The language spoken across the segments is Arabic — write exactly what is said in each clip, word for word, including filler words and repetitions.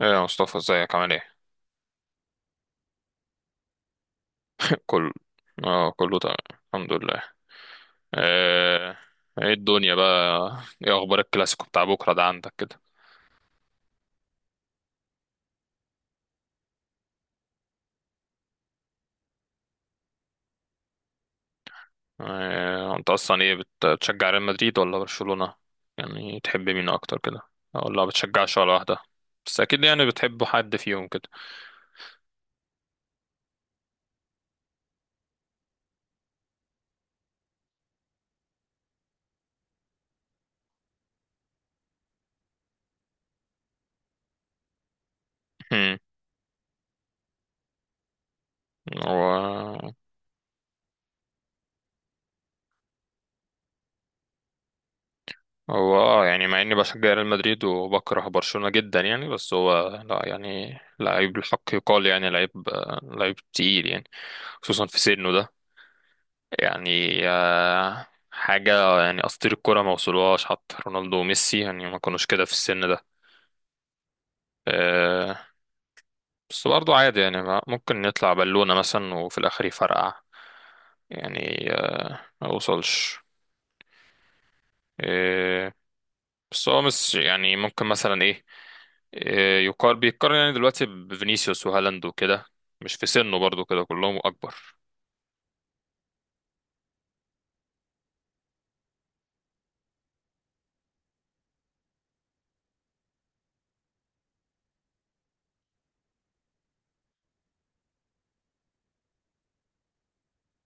ايه يا مصطفى ازيك عامل ايه؟ كل اه، كله تمام، الحمد لله. آه، ايه الدنيا بقى؟ ايه اخبار الكلاسيكو بتاع بكره ده عندك كده؟ آه، انت اصلا ايه بت- بتشجع ريال مدريد ولا برشلونة؟ يعني تحب مين اكتر كده؟ ولا ما بتشجعش ولا واحدة؟ بس اكيد يعني بتحب حد فيهم كده. هم، هو هو اه، يعني مع اني بشجع ريال مدريد وبكره برشلونة جدا يعني، بس هو لا يعني لعيب الحق يقال، يعني لعيب، آه، لعيب تقيل يعني. خصوصا في سنه ده، يعني آه، حاجة يعني أساطير الكرة ما وصلوهاش، حتى رونالدو وميسي يعني ما كانوش كده في السن ده. آه، بس برضو عادي يعني، ما- ممكن نطلع بالونة مثلا وفي الآخر يفرقع. يعني آه، ما وصلش. آه، بس هو مش يعني ممكن مثلا إيه، آه، يقارن بيتقارن يعني دلوقتي بفينيسيوس وهالاند وكده، مش في سنه، برضو كده كلهم أكبر.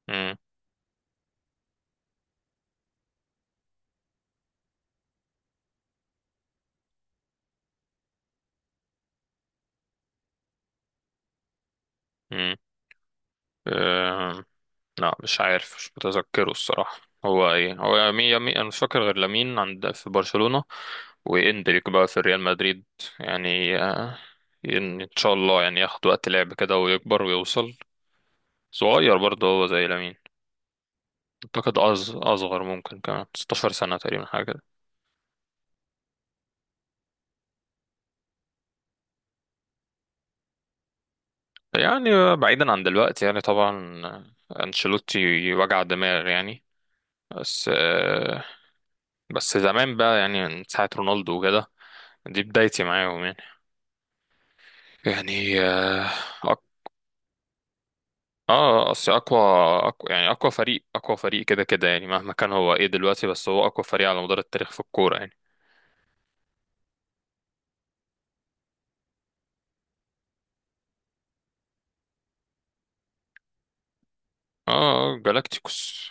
مم. مم. آه، لا مش عارف، مش متذكره الصراحة. هو ايه؟ هو يمين، يمين انا مش فاكر غير لامين عند في برشلونة، واندريك بقى في ريال مدريد. يعني آه، ان إن شاء الله يعني ياخد وقت لعب كده ويكبر ويوصل. صغير برضه هو زي لامين، اعتقد أص- اصغر، ممكن كمان ستاشر سنة تقريبا حاجة كده. يعني بعيدا عن دلوقتي يعني، طبعا آه، انشيلوتي وجع دماغ يعني، بس آه، بس زمان بقى يعني، من ساعة رونالدو وكده دي بدايتي معاهم يعني. يعني اه أق- آه، اصل اقوى، أقوى يعني اقوى فريق، اقوى فريق كده كده يعني مهما كان هو ايه دلوقتي، بس هو اقوى فريق على مدار التاريخ في الكورة يعني. اه جالاكتيكوس.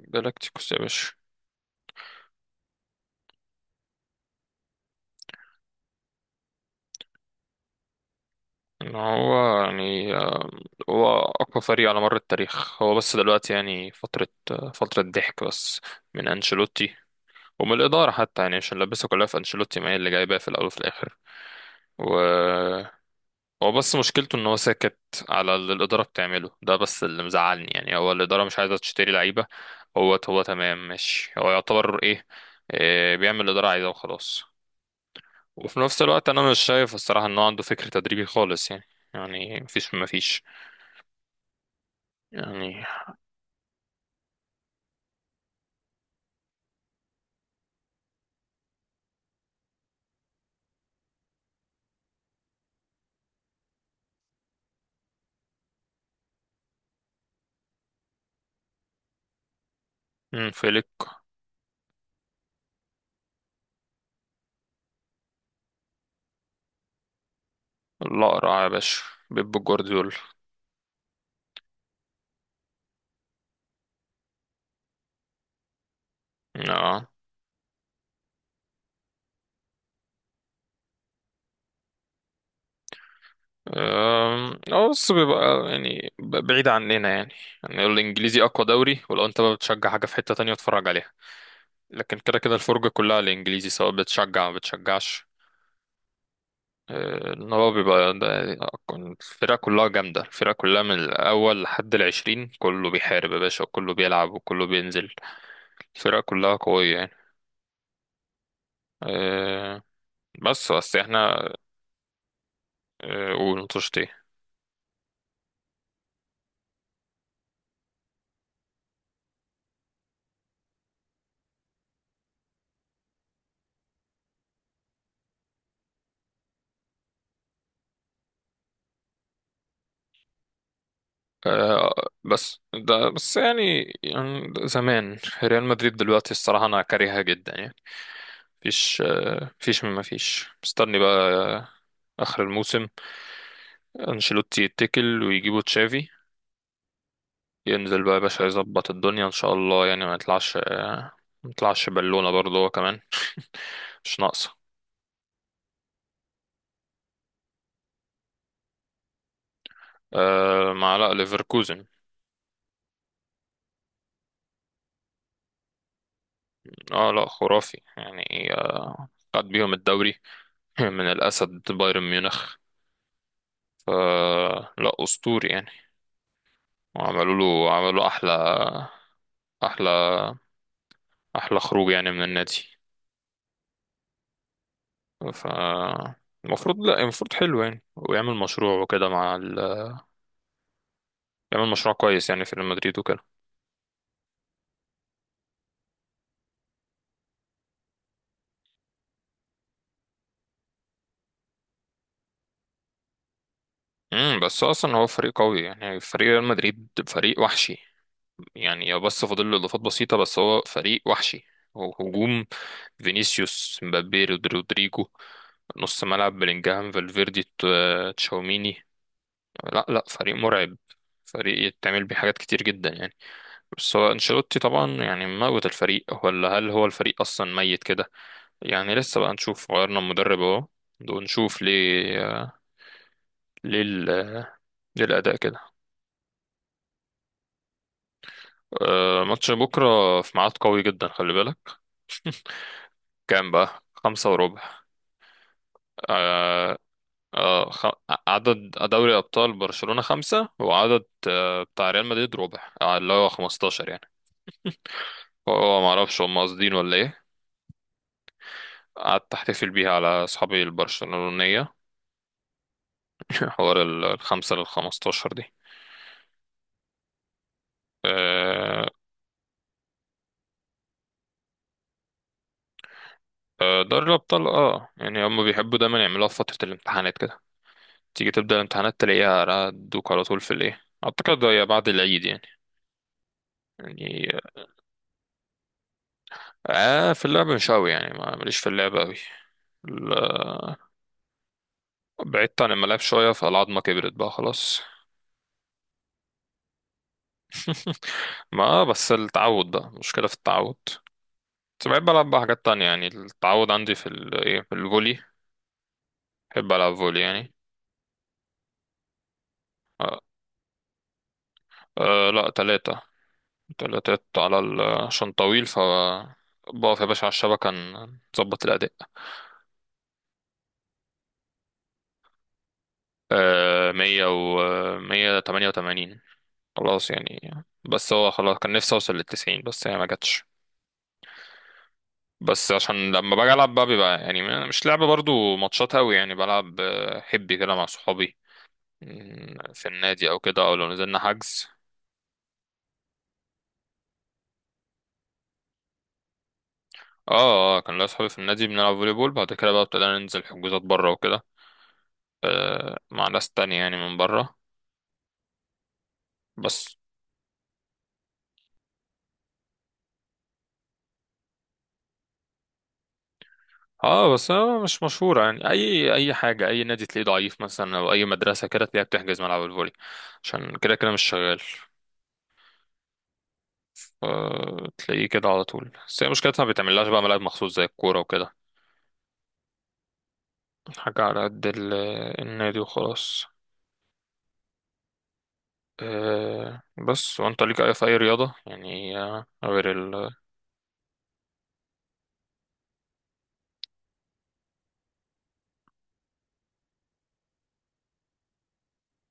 جالاكتيكوس يا باشا. ان هو يعني هو اقوى فريق على مر التاريخ، هو بس دلوقتي يعني فترة، فترة ضحك بس، من انشيلوتي ومن الإدارة حتى، يعني عشان لبسها كلها في انشيلوتي، ما هي اللي جايباه في الاول وفي الاخر. و هو بس مشكلته ان هو ساكت على اللي الاداره بتعمله ده، بس اللي مزعلني يعني هو الاداره مش عايزه تشتري لعيبه. هو هو تمام ماشي، هو يعتبر ايه، إيه بيعمل اللي الاداره عايزاه وخلاص. وفي نفس الوقت انا مش شايف الصراحه ان هو عنده فكر تدريبي خالص يعني. يعني مفيش مفيش يعني. مم. فيليك. الاقرع يا باشا، بيب جوارديولا. اه. أم، اه بس بيبقى يعني ب- بعيد عننا يعني. يعني الانجليزي اقوى دوري، ولو انت بقى بتشجع حاجه في حته تانية اتفرج عليها، لكن كده كده الفرجة كلها على الإنجليزي، سواء بتشجع أو بتشجعش. آه، إن هو بيبقى ده الفرقة كلها جامدة، الفرقة كلها من الأول لحد العشرين كله بيحارب يا باشا، وكله بيلعب، وكله بينزل، الفرقة كلها قوية يعني. آه، بس بس احنا آه، قول نطشت ايه. آه، بس ده بس يعني، يعني زمان ريال مدريد، دلوقتي الصراحة أنا كارهها جدا يعني. مفيش آه، مفيش مما فيش، مستني بقى آه، آخر الموسم، انشيلوتي يتكل ويجيبوا تشافي، ينزل بقى يا باشا يظبط الدنيا ان شاء الله. يعني ما يطلعش آه، ما يطلعش بالونة برضه هو كمان. مش ناقصة. آه، مع لا ليفركوزن. اه لا خرافي يعني، آه، خد بيهم الدوري من الأسد بايرن ميونخ. آه لا أسطوري يعني، وعملوا له، عملوا أحلى أحلى أحلى خروج يعني من النادي. ف المفروض لا، المفروض حلو يعني ويعمل مشروع وكده مع ال... يعمل مشروع كويس يعني في ريال مدريد وكده. امم، بس اصلا هو فريق قوي يعني، فريق ريال مدريد فريق وحشي يعني، بس فاضل له اضافات بسيطه، بس هو فريق وحشي. هو هجوم فينيسيوس، مبابي، رود- رودريجو، نص ملعب بلينجهام، فالفيردي، ت- تشاوميني. لا لا فريق مرعب، فريق يتعمل بيه حاجات كتير جدا يعني. بس هو انشيلوتي طبعا يعني موت الفريق، ولا هل هو الفريق اصلا ميت كده؟ يعني لسه بقى نشوف، غيرنا المدرب اهو ونشوف ليه، ليه ال- ليه الاداء كده. آه، ماتش بكرة في ميعاد قوي جدا، خلي بالك. كام بقى؟ خمسة وربع. آه. آه، خ... عدد دوري أبطال برشلونة خمسة، وعدد آه، بتاع ريال مدريد ربع آه، اللي هو خمستاشر يعني. هو ما أعرفش هم قاصدين ولا إيه. قعدت أحتفل بيها على أصحابي البرشلونية. حوار ال- الخمسة للخمستاشر دي. آه. آه، دوري الأبطال اه، يعني هم بيحبوا دايما يعملوها في فترة الامتحانات كده، تيجي تبدأ الامتحانات تلاقيها دوك على طول في الإيه. أعتقد هي بعد العيد يعني. يعني آه في اللعب مش أوي يعني، ما- ماليش في اللعب أوي، ال- بعدت عن الملاعب شوية، فالعظمة كبرت بقى خلاص. ما بس التعود بقى، مشكلة في التعود، بس بحب ألعب بقى حاجات تانية يعني. التعود عندي في ال إيه، في الفولي، بحب ألعب فولي يعني. آه. آه لا، تلاتة، تلاتات على ال عشان طويل ف، بقف يا باشا على الشبكة ن- نظبط الأداء. آه، مية و مية تمانية وتمانين، خلاص يعني. بس هو خلاص كان نفسي اوصل للتسعين بس هي ما جاتش. بس عشان لما باجي العب بقى بيبقى يعني مش لعب برضو ماتشات قوي يعني، بلعب آه، حبي كده مع صحابي. مم، في النادي او كده، او لو نزلنا حجز. اه اه، كان ليا صحابي في النادي بنلعب فولي بول، بعد كده بقى ابتدينا ننزل حجوزات بره وكده، آه، مع ناس تانية يعني من بره. بس اه، بس هو مش مشهورة يعني، اي اي حاجة، اي نادي تلاقيه ضعيف مثلا، او اي مدرسة كده تلاقيها بتحجز ملعب الفولي، عشان كده كده مش شغال. آه، تلاقيه كده على طول، بس هي مشكلتها ما بيتعملهاش بقى ملاعب مخصوص زي الكورة وكده، حاجة على قد ال- النادي وخلاص. أه، بس وانت ليك أي في أي رياضة يعني آه، غير ال.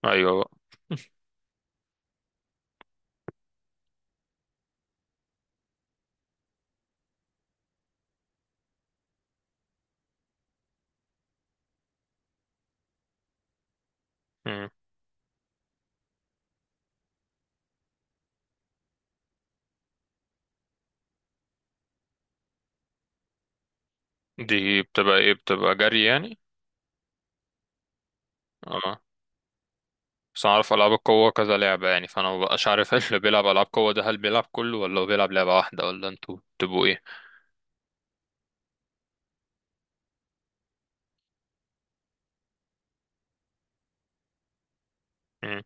أيوة بقى. مم. دي بتبقى ايه؟ بتبقى جري يعني. اه بس أنا أعرف ألعاب القوة كذا لعبة يعني، فأنا مبقاش عارف اللي بيلعب ألعاب قوة ده هل بيلعب كله ولا هو بيلعب لعبة واحدة، ولا انتوا بتبقوا ايه؟ مم.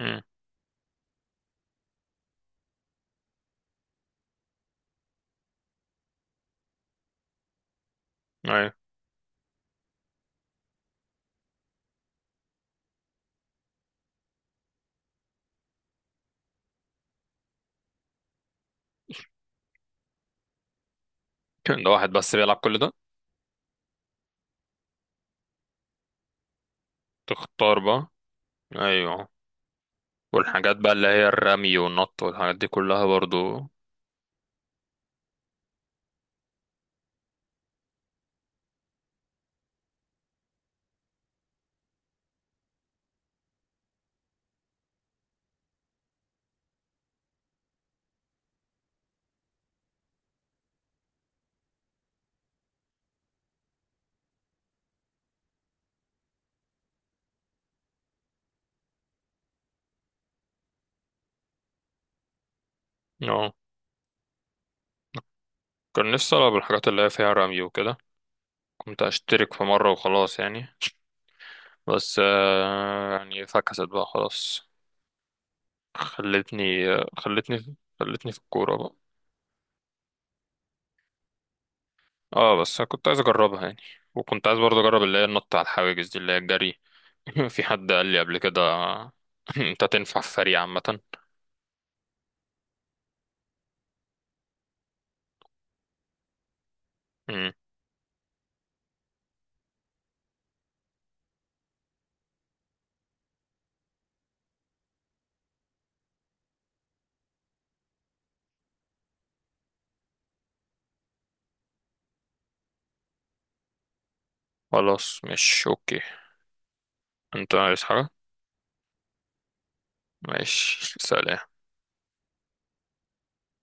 مم. أيوة. ده واحد بس بيلعب كل ده؟ تختار بقى. أيوة. والحاجات بقى اللي هي الرمي والنط والحاجات دي كلها برضو. اه كان نفسي ألعب الحاجات اللي هي فيها رمي وكده، كنت أشترك في مرة وخلاص يعني، بس آه، يعني فكست بقى خلاص. خلتني خلتني خلتني في الكورة بقى. اه بس أنا كنت عايز أجربها يعني، وكنت عايز برضه أجرب اللي هي النط على الحواجز دي، اللي هي الجري. في حد قال لي قبل كده أنت تنفع في فريق عامة. مم. خلاص مش أوكي. أنت عايز حاجة؟ ماشي سلام.